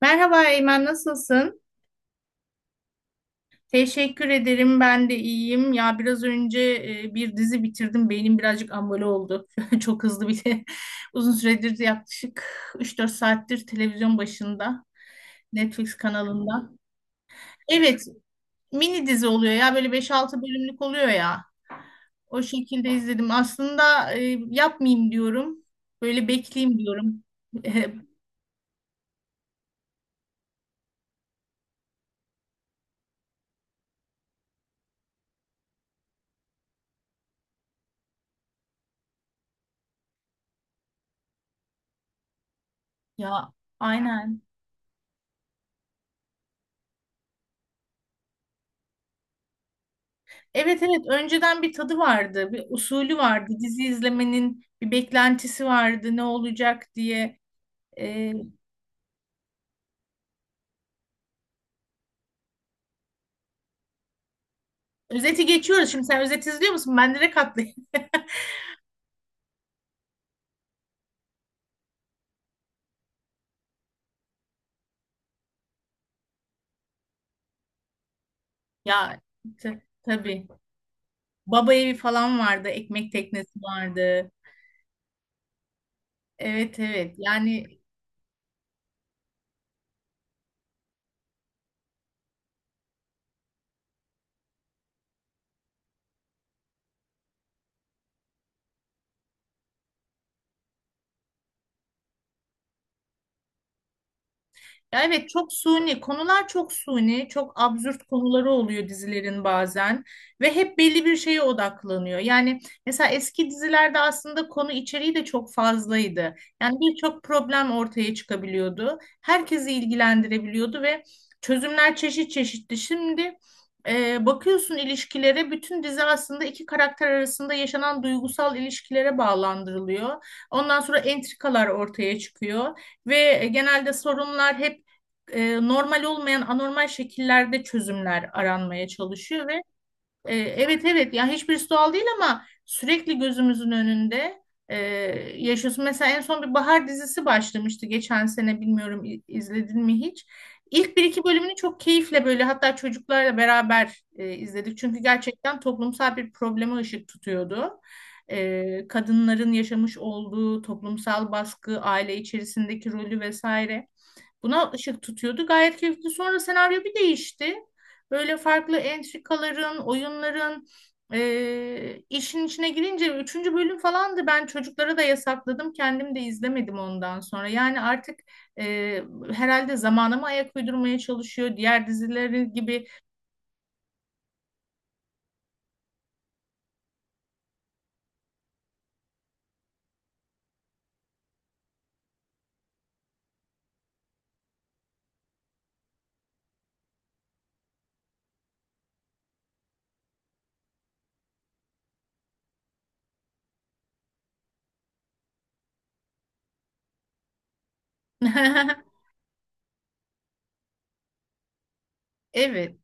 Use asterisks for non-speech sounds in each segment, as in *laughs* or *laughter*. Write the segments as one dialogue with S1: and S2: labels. S1: Merhaba Eymen, nasılsın? Teşekkür ederim, ben de iyiyim. Ya biraz önce bir dizi bitirdim, beynim birazcık ambale oldu. *laughs* Çok hızlı bir de *laughs* uzun süredir yaklaşık üç dört saattir televizyon başında, Netflix kanalında. Evet, mini dizi oluyor ya, böyle beş altı bölümlük oluyor ya. O şekilde izledim. Aslında yapmayayım diyorum, böyle bekleyeyim diyorum. *laughs* Ya aynen. Evet evet önceden bir tadı vardı, bir usulü vardı. Dizi izlemenin bir beklentisi vardı ne olacak diye. Ee, özeti geçiyoruz. Şimdi sen özet izliyor musun? Ben direkt atlayayım. *laughs* Ya tabii. Baba evi falan vardı, ekmek teknesi vardı. Evet evet. Yani ya evet, çok suni konular, çok suni, çok absürt konuları oluyor dizilerin bazen ve hep belli bir şeye odaklanıyor. Yani mesela eski dizilerde aslında konu içeriği de çok fazlaydı. Yani birçok problem ortaya çıkabiliyordu. Herkesi ilgilendirebiliyordu ve çözümler çeşit çeşitti. Şimdi bakıyorsun ilişkilere, bütün dizi aslında iki karakter arasında yaşanan duygusal ilişkilere bağlandırılıyor. Ondan sonra entrikalar ortaya çıkıyor ve genelde sorunlar hep normal olmayan anormal şekillerde çözümler aranmaya çalışıyor ve evet evet, ya hiçbirisi doğal değil ama sürekli gözümüzün önünde e, yaşıyorsun. Mesela en son bir bahar dizisi başlamıştı geçen sene, bilmiyorum izledin mi hiç? İlk bir iki bölümünü çok keyifle, böyle hatta çocuklarla beraber izledik. Çünkü gerçekten toplumsal bir probleme ışık tutuyordu. Kadınların yaşamış olduğu toplumsal baskı, aile içerisindeki rolü vesaire. Buna ışık tutuyordu. Gayet keyifli. Sonra senaryo bir değişti. Böyle farklı entrikaların, oyunların işin içine girince üçüncü bölüm falandı. Ben çocuklara da yasakladım. Kendim de izlemedim ondan sonra. Yani artık e, herhalde zamana mı ayak uydurmaya çalışıyor, diğer dizileri gibi. *laughs* Evet.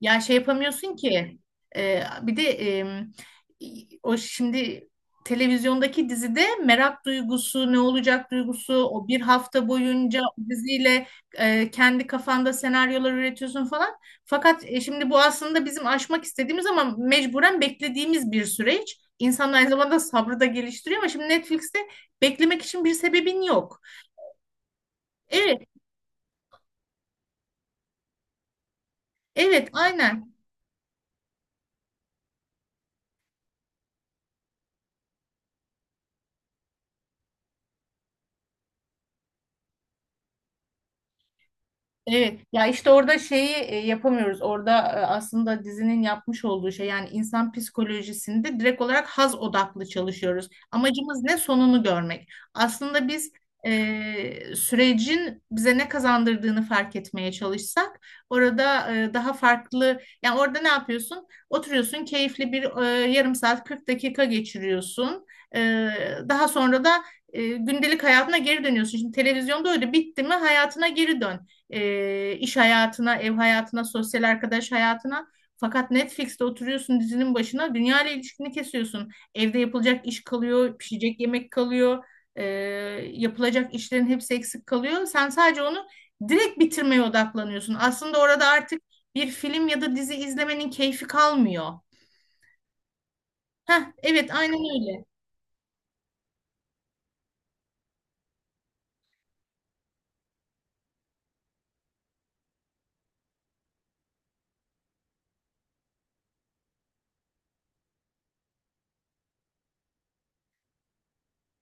S1: Ya şey yapamıyorsun ki. e, bir de em, O şimdi televizyondaki dizide merak duygusu, ne olacak duygusu, o bir hafta boyunca o diziyle kendi kafanda senaryolar üretiyorsun falan. Fakat şimdi bu aslında bizim aşmak istediğimiz ama mecburen beklediğimiz bir süreç. İnsan aynı zamanda sabrı da geliştiriyor ama şimdi Netflix'te beklemek için bir sebebin yok. Evet, evet, aynen. Evet, ya işte orada şeyi yapamıyoruz. Orada aslında dizinin yapmış olduğu şey, yani insan psikolojisinde direkt olarak haz odaklı çalışıyoruz. Amacımız ne? Sonunu görmek. Aslında biz sürecin bize ne kazandırdığını fark etmeye çalışsak orada daha farklı, yani orada ne yapıyorsun? Oturuyorsun, keyifli bir yarım saat 40 dakika geçiriyorsun. E, Daha sonra da gündelik hayatına geri dönüyorsun. Şimdi televizyonda öyle bitti mi hayatına geri dön, iş hayatına, ev hayatına, sosyal arkadaş hayatına. Fakat Netflix'te oturuyorsun dizinin başına, dünya ile ilişkini kesiyorsun. Evde yapılacak iş kalıyor, pişecek yemek kalıyor, e, yapılacak işlerin hepsi eksik kalıyor. Sen sadece onu direkt bitirmeye odaklanıyorsun. Aslında orada artık bir film ya da dizi izlemenin keyfi kalmıyor. Heh, evet, aynen öyle.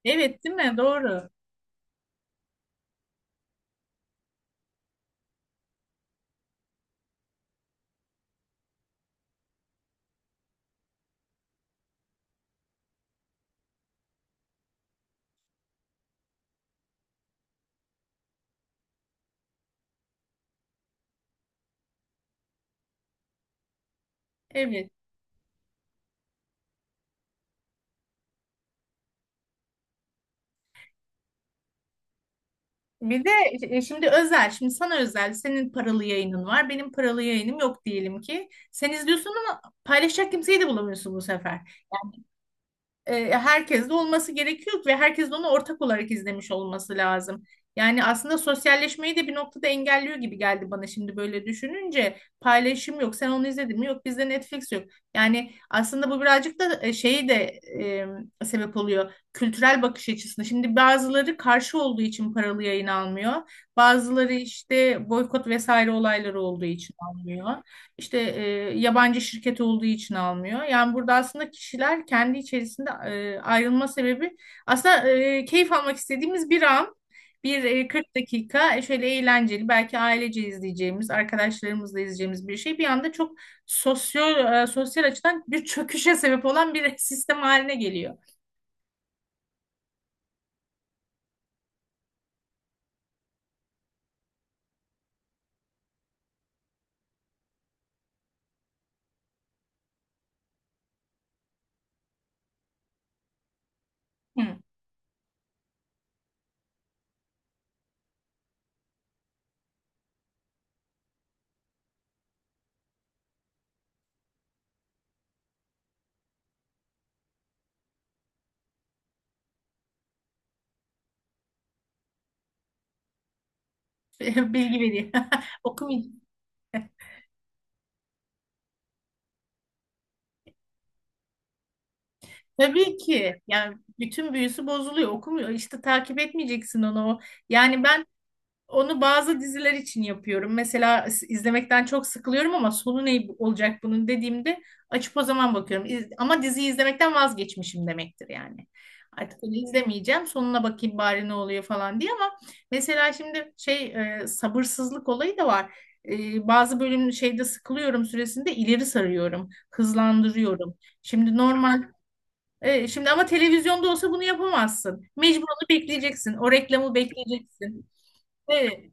S1: Evet, değil mi? Doğru. Evet. Bir de şimdi özel, şimdi sana özel, senin paralı yayının var, benim paralı yayınım yok diyelim ki. Sen izliyorsun ama paylaşacak kimseyi de bulamıyorsun bu sefer, herkes de olması gerekiyor ve herkes de onu ortak olarak izlemiş olması lazım. Yani aslında sosyalleşmeyi de bir noktada engelliyor gibi geldi bana şimdi böyle düşününce. Paylaşım yok. Sen onu izledin mi? Yok, bizde Netflix yok. Yani aslında bu birazcık da şeyi de sebep oluyor. Kültürel bakış açısına. Şimdi bazıları karşı olduğu için paralı yayın almıyor. Bazıları işte boykot vesaire olayları olduğu için almıyor. İşte yabancı şirket olduğu için almıyor. Yani burada aslında kişiler kendi içerisinde ayrılma sebebi aslında keyif almak istediğimiz bir an, bir 40 dakika, şöyle eğlenceli, belki ailece izleyeceğimiz, arkadaşlarımızla izleyeceğimiz bir şey bir anda çok sosyal, sosyal açıdan bir çöküşe sebep olan bir *laughs* sistem haline geliyor. Hı. *laughs* Bilgi veriyor. *laughs* Okumayacağım. Tabii ki. Yani bütün büyüsü bozuluyor. Okumuyor. İşte takip etmeyeceksin onu. Yani ben onu bazı diziler için yapıyorum. Mesela izlemekten çok sıkılıyorum ama sonu ne olacak bunun dediğimde açıp o zaman bakıyorum. Ama diziyi izlemekten vazgeçmişim demektir yani. Artık onu izlemeyeceğim. Sonuna bakayım bari ne oluyor falan diye. Ama mesela şimdi şey, sabırsızlık olayı da var. Bazı bölüm şeyde sıkılıyorum süresinde, ileri sarıyorum, hızlandırıyorum. Şimdi normal, şimdi ama televizyonda olsa bunu yapamazsın. Mecbur onu bekleyeceksin. O reklamı bekleyeceksin. Evet,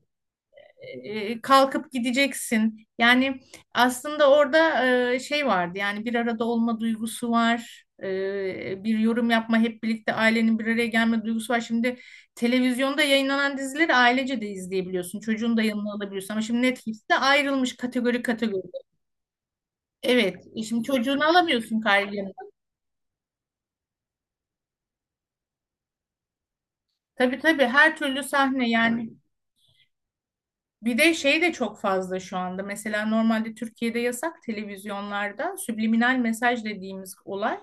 S1: kalkıp gideceksin. Yani aslında orada şey vardı, yani bir arada olma duygusu var. Bir yorum yapma, hep birlikte ailenin bir araya gelme duygusu var. Şimdi televizyonda yayınlanan dizileri ailece de izleyebiliyorsun. Çocuğunu da yanına alabiliyorsun. Ama şimdi Netflix'te ayrılmış kategori kategori. Evet. e Şimdi çocuğunu alamıyorsun, kaygını. Tabii tabii, her türlü sahne yani. Bir de şey de çok fazla şu anda. Mesela normalde Türkiye'de yasak televizyonlarda subliminal mesaj dediğimiz olay.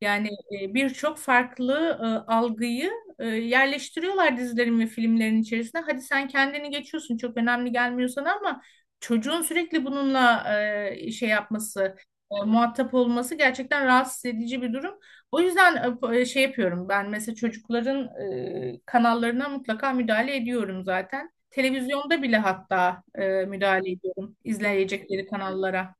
S1: Yani birçok farklı algıyı yerleştiriyorlar dizilerin ve filmlerin içerisine. Hadi sen kendini geçiyorsun, çok önemli gelmiyor sana, ama çocuğun sürekli bununla şey yapması, muhatap olması gerçekten rahatsız edici bir durum. O yüzden şey yapıyorum ben, mesela çocukların kanallarına mutlaka müdahale ediyorum zaten. Televizyonda bile hatta müdahale ediyorum izleyecekleri kanallara.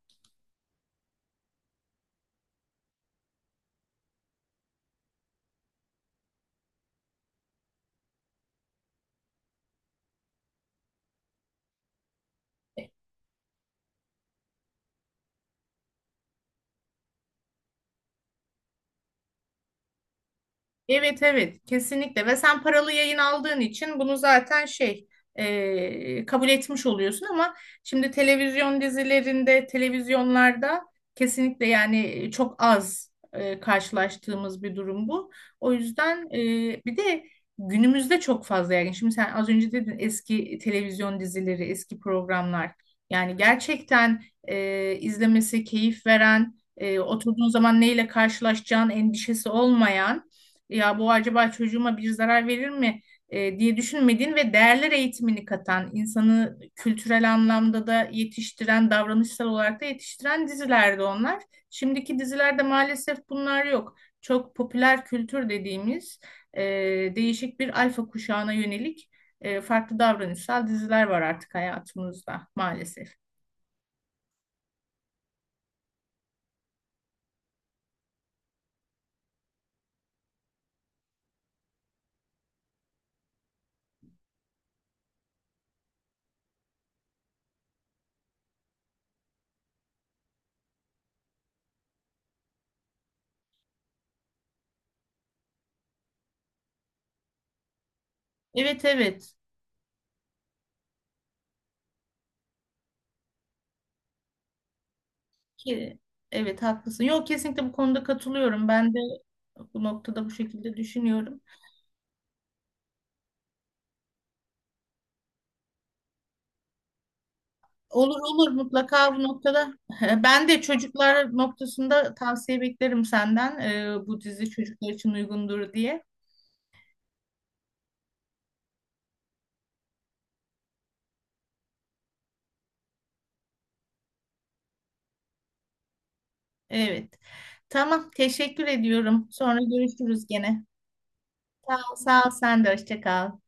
S1: Evet evet, kesinlikle. Ve sen paralı yayın aldığın için bunu zaten şey, kabul etmiş oluyorsun. Ama şimdi televizyon dizilerinde, televizyonlarda kesinlikle, yani çok az karşılaştığımız bir durum bu. O yüzden bir de günümüzde çok fazla, yani şimdi sen az önce dedin, eski televizyon dizileri, eski programlar, yani gerçekten izlemesi keyif veren, oturduğun zaman neyle karşılaşacağın endişesi olmayan, ya bu acaba çocuğuma bir zarar verir mi diye düşünmediğin ve değerler eğitimini katan, insanı kültürel anlamda da yetiştiren, davranışsal olarak da yetiştiren dizilerdi onlar. Şimdiki dizilerde maalesef bunlar yok. Çok popüler kültür dediğimiz e, değişik bir alfa kuşağına yönelik farklı davranışsal diziler var artık hayatımızda, maalesef. Evet evet. Ki evet, haklısın. Yok, kesinlikle bu konuda katılıyorum. Ben de bu noktada bu şekilde düşünüyorum. Olur olur, mutlaka bu noktada. *laughs* Ben de çocuklar noktasında tavsiye beklerim senden. Bu dizi çocuklar için uygundur diye. Evet. Tamam, teşekkür ediyorum. Sonra görüşürüz gene. Sağ ol, sen de hoşça kal.